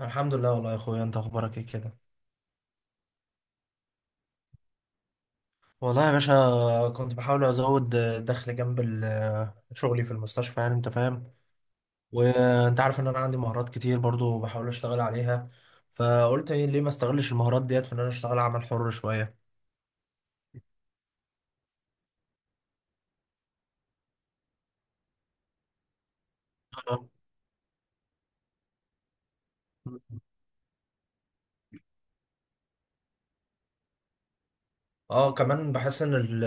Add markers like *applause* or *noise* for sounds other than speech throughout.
الحمد لله. والله يا اخويا، انت اخبارك ايه كده؟ والله يا باشا، كنت بحاول ازود دخل جنب شغلي في المستشفى، يعني انت فاهم. وانت عارف ان انا عندي مهارات كتير برضو، بحاول اشتغل عليها. فقلت إيه، ليه ما استغلش المهارات ديت في ان انا اشتغل عمل حر شوية. *laughs* اه. كمان بحس ان ال-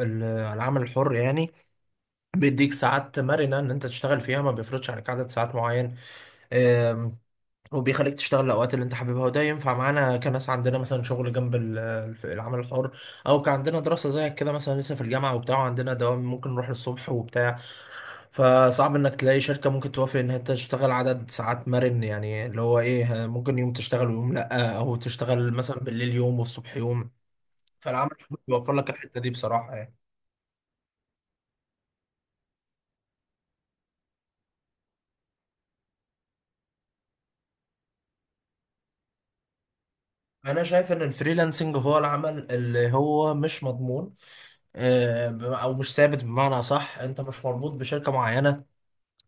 ال- العمل الحر يعني بيديك ساعات مرنة ان انت تشتغل فيها، ما بيفرضش عليك عدد ساعات معين. وبيخليك تشتغل الاوقات اللي انت حاببها، وده ينفع معانا كناس عندنا مثلا شغل جنب العمل الحر، او كان عندنا دراسه زيك كده مثلا لسه في الجامعه وبتاع، وعندنا دوام ممكن نروح الصبح وبتاع. فصعب انك تلاقي شركه ممكن توافق ان انت تشتغل عدد ساعات مرن، يعني اللي هو ايه، ممكن يوم تشتغل ويوم لا، او تشتغل مثلا بالليل يوم والصبح يوم. فالعمل الحر بيوفر لك الحته دي بصراحه يعني. انا شايف ان الفريلانسنج هو العمل اللي هو مش مضمون، او مش ثابت، بمعنى صح، انت مش مربوط بشركه معينه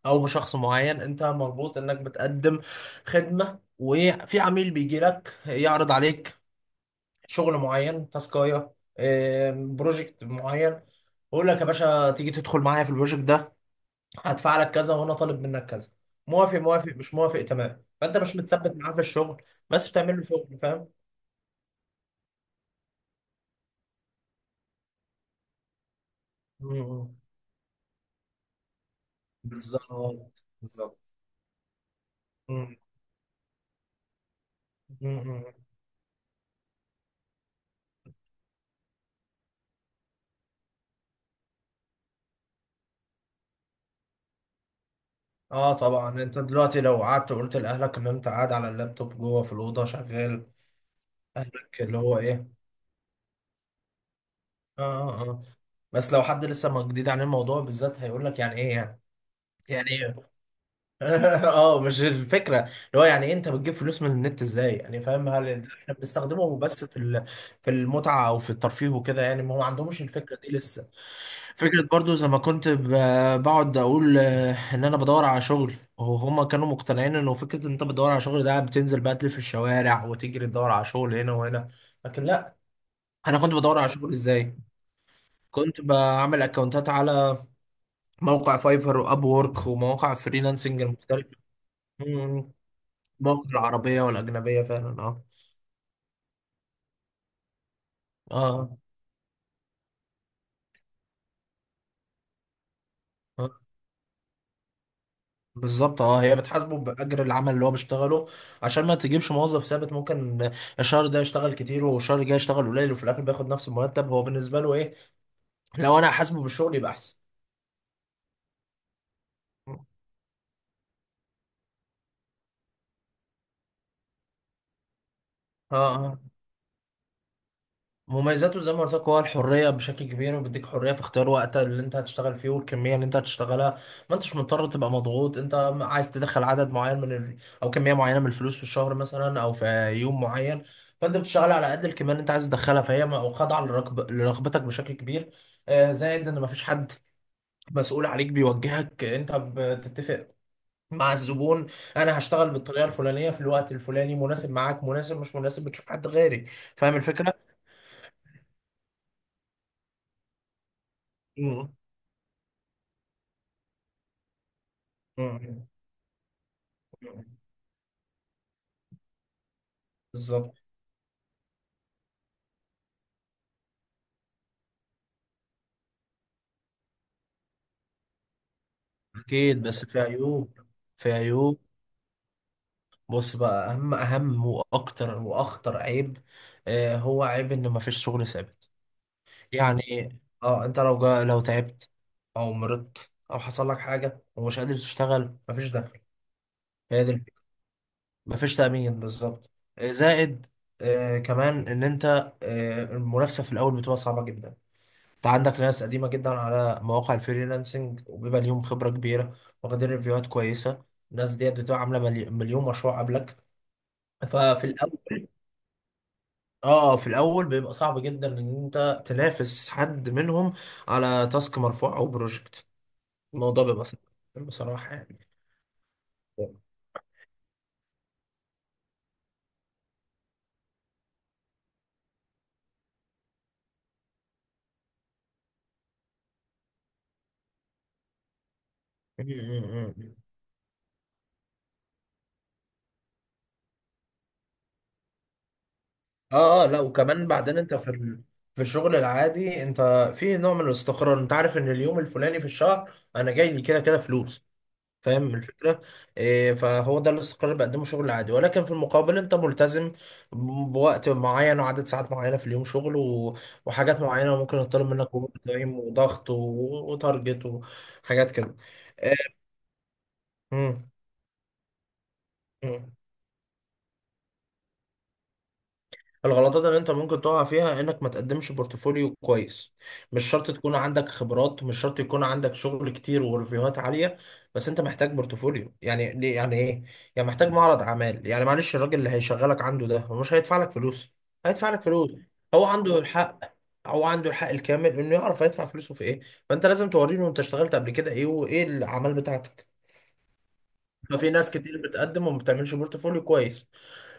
او بشخص معين، انت مربوط انك بتقدم خدمه، وفي عميل بيجي لك يعرض عليك شغل معين، تاسكايه، بروجكت معين، يقول لك يا باشا، تيجي تدخل معايا في البروجكت ده، هدفع لك كذا وانا طالب منك كذا. موافق، موافق، مش موافق، تمام، فانت مش متثبت معاه في الشغل. بس بتعمل له شغل، فاهم؟ مم. بالظبط. بالظبط. مم. مم. اه طبعا، انت دلوقتي لو قعدت وقلت لاهلك ان انت قاعد على اللابتوب جوه في الاوضه شغال، اهلك اللي هو ايه، اه اه اه. بس لو حد لسه ما جديد عن الموضوع بالذات هيقول لك يعني ايه يعني، يعني ايه. *laughs* اه، مش الفكره اللي هو يعني إيه، انت بتجيب فلوس من النت ازاي يعني، فاهم؟ هل احنا بنستخدمه بس في في المتعه او في الترفيه وكده يعني، ما هو ما عندهمش الفكره دي لسه. فكره برضو زي ما كنت بقعد اقول، ان انا بدور على شغل، وهما كانوا مقتنعين انه فكره ان انت بتدور على شغل ده بتنزل بقى تلف في الشوارع وتجري تدور على شغل هنا وهنا. لكن لا، انا كنت بدور على شغل ازاي؟ كنت بعمل اكونتات على موقع فايفر واب وورك ومواقع فريلانسنج المختلفة. مم. مواقع العربية والأجنبية فعلا. اه. اه آه. بالظبط. اه، هي بتحاسبه بأجر العمل اللي هو بيشتغله. عشان ما تجيبش موظف ثابت، ممكن الشهر ده يشتغل كتير والشهر الجاي يشتغل قليل وفي الآخر بياخد نفس المرتب، هو بالنسبة له ايه؟ لو انا حاسبه بالشغل يبقى احسن. اه اه. مميزاته زي ما قلت لك هو الحريه بشكل كبير، وبيديك حريه في اختيار وقت اللي انت هتشتغل فيه والكميه اللي انت هتشتغلها. ما انتش مضطر تبقى مضغوط. انت عايز تدخل عدد معين من او كميه معينه من الفلوس في الشهر مثلا، او في يوم معين. فانت بتشتغل على قد الكميه اللي انت عايز تدخلها، فهي خاضعه لرغبتك بشكل كبير. زائد ان ما فيش حد مسؤول عليك بيوجهك، انت بتتفق مع الزبون، انا هشتغل بالطريقه الفلانيه في الوقت الفلاني، مناسب معاك؟ مناسب؟ مش مناسب بتشوف حد غيري. فاهم الفكره؟ مم. بالظبط. اكيد، بس في عيوب، في عيوب. بص بقى، اهم اهم واكتر واخطر عيب، هو عيب ان مفيش شغل ثابت يعني. اه، انت لو جا، لو تعبت او مرضت او حصل لك حاجه ومش قادر تشتغل، مفيش دخل. هي دي الفكره، مفيش تامين بالظبط. زائد. كمان ان انت، المنافسه في الاول بتبقى صعبه جدا. انت عندك ناس قديمة جدا على مواقع الفريلانسنج وبيبقى ليهم خبرة كبيرة، واخدين ريفيوهات كويسة. الناس ديت بتبقى عاملة مليون مشروع قبلك، ففي الأول، اه، في الأول بيبقى صعب جدا إن أنت تنافس حد منهم على تاسك مرفوع أو بروجكت، الموضوع بيبقى صعب بصراحة يعني. م- م- م. اه اه، لا وكمان بعدين انت في في الشغل العادي انت في نوع من الاستقرار، انت عارف ان اليوم الفلاني في الشهر انا جاي لي كده كده فلوس، فاهم الفكرة؟ إيه، فهو ده الاستقرار اللي بقدمه شغل عادي، ولكن في المقابل انت ملتزم بوقت معين وعدد ساعات معينة في اليوم شغل وحاجات معينة، وممكن يطلب منك اوفر تايم وضغط وتارجت وحاجات كده. إيه. مم. مم. الغلطات اللي انت ممكن تقع فيها انك ما تقدمش بورتفوليو كويس. مش شرط تكون عندك خبرات، مش شرط يكون عندك شغل كتير وريفيوهات عالية، بس انت محتاج بورتفوليو، يعني ليه؟ يعني ايه؟ يعني محتاج معرض اعمال يعني. معلش، الراجل اللي هيشغلك عنده ده، هو مش هيدفع لك فلوس؟ هيدفع لك فلوس. هو عنده الحق، هو عنده الحق الكامل انه يعرف هيدفع فلوسه في ايه. فانت لازم توريله انت اشتغلت قبل كده ايه وايه الاعمال بتاعتك. ففي ناس كتير بتقدم وما بتعملش بورتفوليو كويس.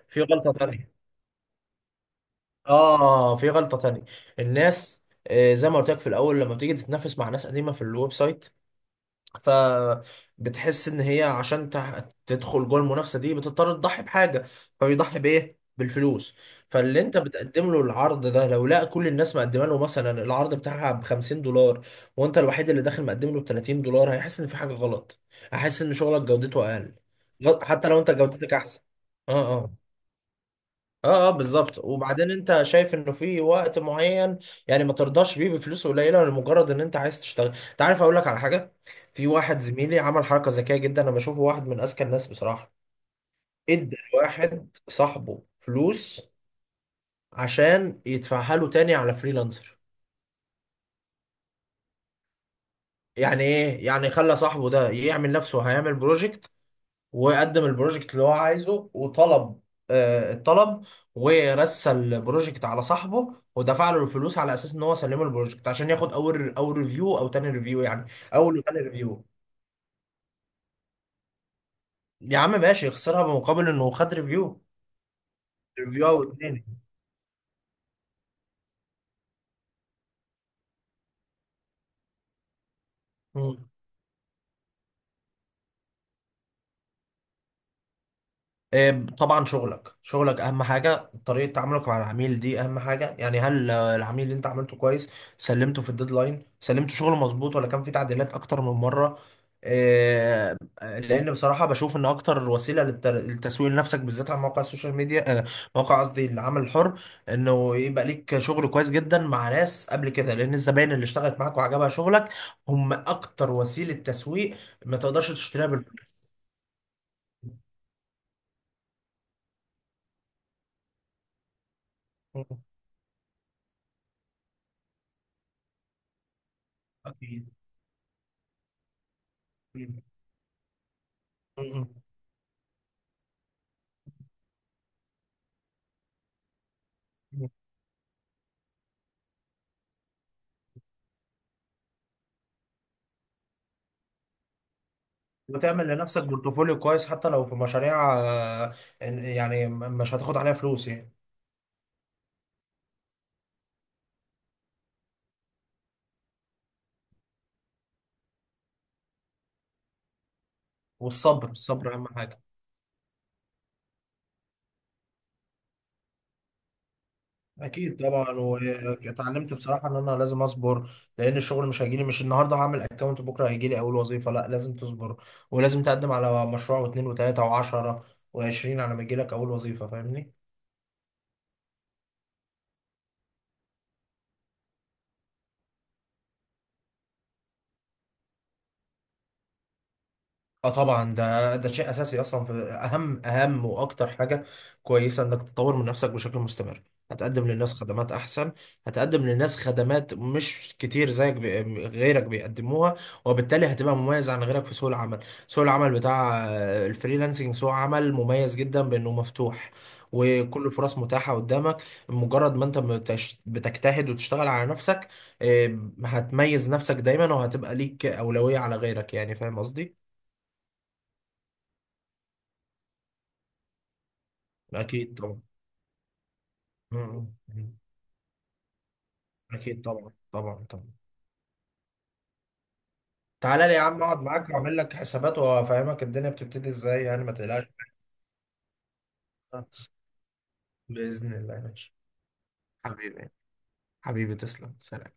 في غلطة تانية. اه، في غلطة تانية. الناس زي ما قلت لك في الاول، لما بتيجي تتنافس مع ناس قديمة في الويب سايت، فبتحس ان هي عشان تدخل جوه المنافسة دي بتضطر تضحي بحاجة. فبيضحي بايه؟ بالفلوس. فاللي انت بتقدم له العرض ده، لو لقى كل الناس مقدمه له مثلا العرض بتاعها ب $50، وانت الوحيد اللي داخل مقدم له ب $30، هيحس ان في حاجة غلط، هيحس ان شغلك جودته اقل. حتى لو انت جودتك احسن. اه آه. اه اه بالظبط. وبعدين انت شايف انه في وقت معين يعني ما ترضاش بيه بفلوس قليله لمجرد ان انت عايز تشتغل. انت عارف، اقول لك على حاجه، في واحد زميلي عمل حركه ذكيه جدا، انا بشوفه واحد من اذكى الناس بصراحه. ادى لواحد صاحبه فلوس عشان يدفعها له تاني على فريلانسر. يعني ايه يعني؟ خلى صاحبه ده يعمل نفسه هيعمل بروجكت، وقدم البروجكت اللي هو عايزه وطلب، الطلب، ورسى البروجكت على صاحبه، ودفع له الفلوس على اساس ان هو سلمه البروجكت عشان ياخد اول، اول ريفيو او تاني ريفيو يعني، اول وتاني ريفيو. يا عم، ماشي، يخسرها بمقابل انه خد ريفيو. ريفيو او اتنين. آه، طبعا، شغلك، شغلك اهم حاجه، طريقه تعاملك مع العميل دي اهم حاجه، يعني هل العميل اللي انت عملته كويس، سلمته في الديدلاين، سلمته شغله مظبوط، ولا كان في تعديلات اكتر من مره؟ آه، لان بصراحه بشوف ان اكتر وسيله للتسويق لنفسك بالذات على مواقع السوشيال ميديا، مواقع، قصدي العمل الحر، انه يبقى ليك شغل كويس جدا مع ناس قبل كده، لان الزباين اللي اشتغلت معاك وعجبها شغلك هم اكتر وسيله تسويق ما تقدرش تشتريها بالفلوس. أكيد، وتعمل لنفسك بورتفوليو كويس حتى لو في مشاريع، يعني مش هتاخد عليها فلوس يعني. والصبر، الصبر اهم حاجه. اكيد طبعا، واتعلمت بصراحه ان انا لازم اصبر، لان الشغل مش هيجيلي، مش النهارده هعمل اكونت بكره هيجيلي اول وظيفه، لا لازم تصبر. ولازم تقدم على مشروع واثنين وثلاثه وعشرة وعشرين على ما يجيلك اول وظيفه، فاهمني؟ اه طبعا، ده شيء اساسي اصلا، في اهم اهم واكتر حاجه كويسه انك تطور من نفسك بشكل مستمر. هتقدم للناس خدمات احسن، هتقدم للناس خدمات مش كتير غيرك بيقدموها، وبالتالي هتبقى مميز عن غيرك في سوق العمل. سوق العمل بتاع الفريلانسنج سوق عمل مميز جدا بانه مفتوح، وكل الفرص متاحه قدامك. مجرد ما انت بتجتهد وتشتغل على نفسك، آه، هتميز نفسك دايما، وهتبقى ليك اولويه على غيرك، يعني فاهم قصدي؟ اكيد طبعا. مم. مم. اكيد طبعا طبعا طبعا. تعالى لي يا عم اقعد معاك واعمل لك حسابات وافهمك الدنيا بتبتدي ازاي يعني. ما تقلقش، باذن الله، ماشي. حبيبي، حبيبي، تسلم، سلام.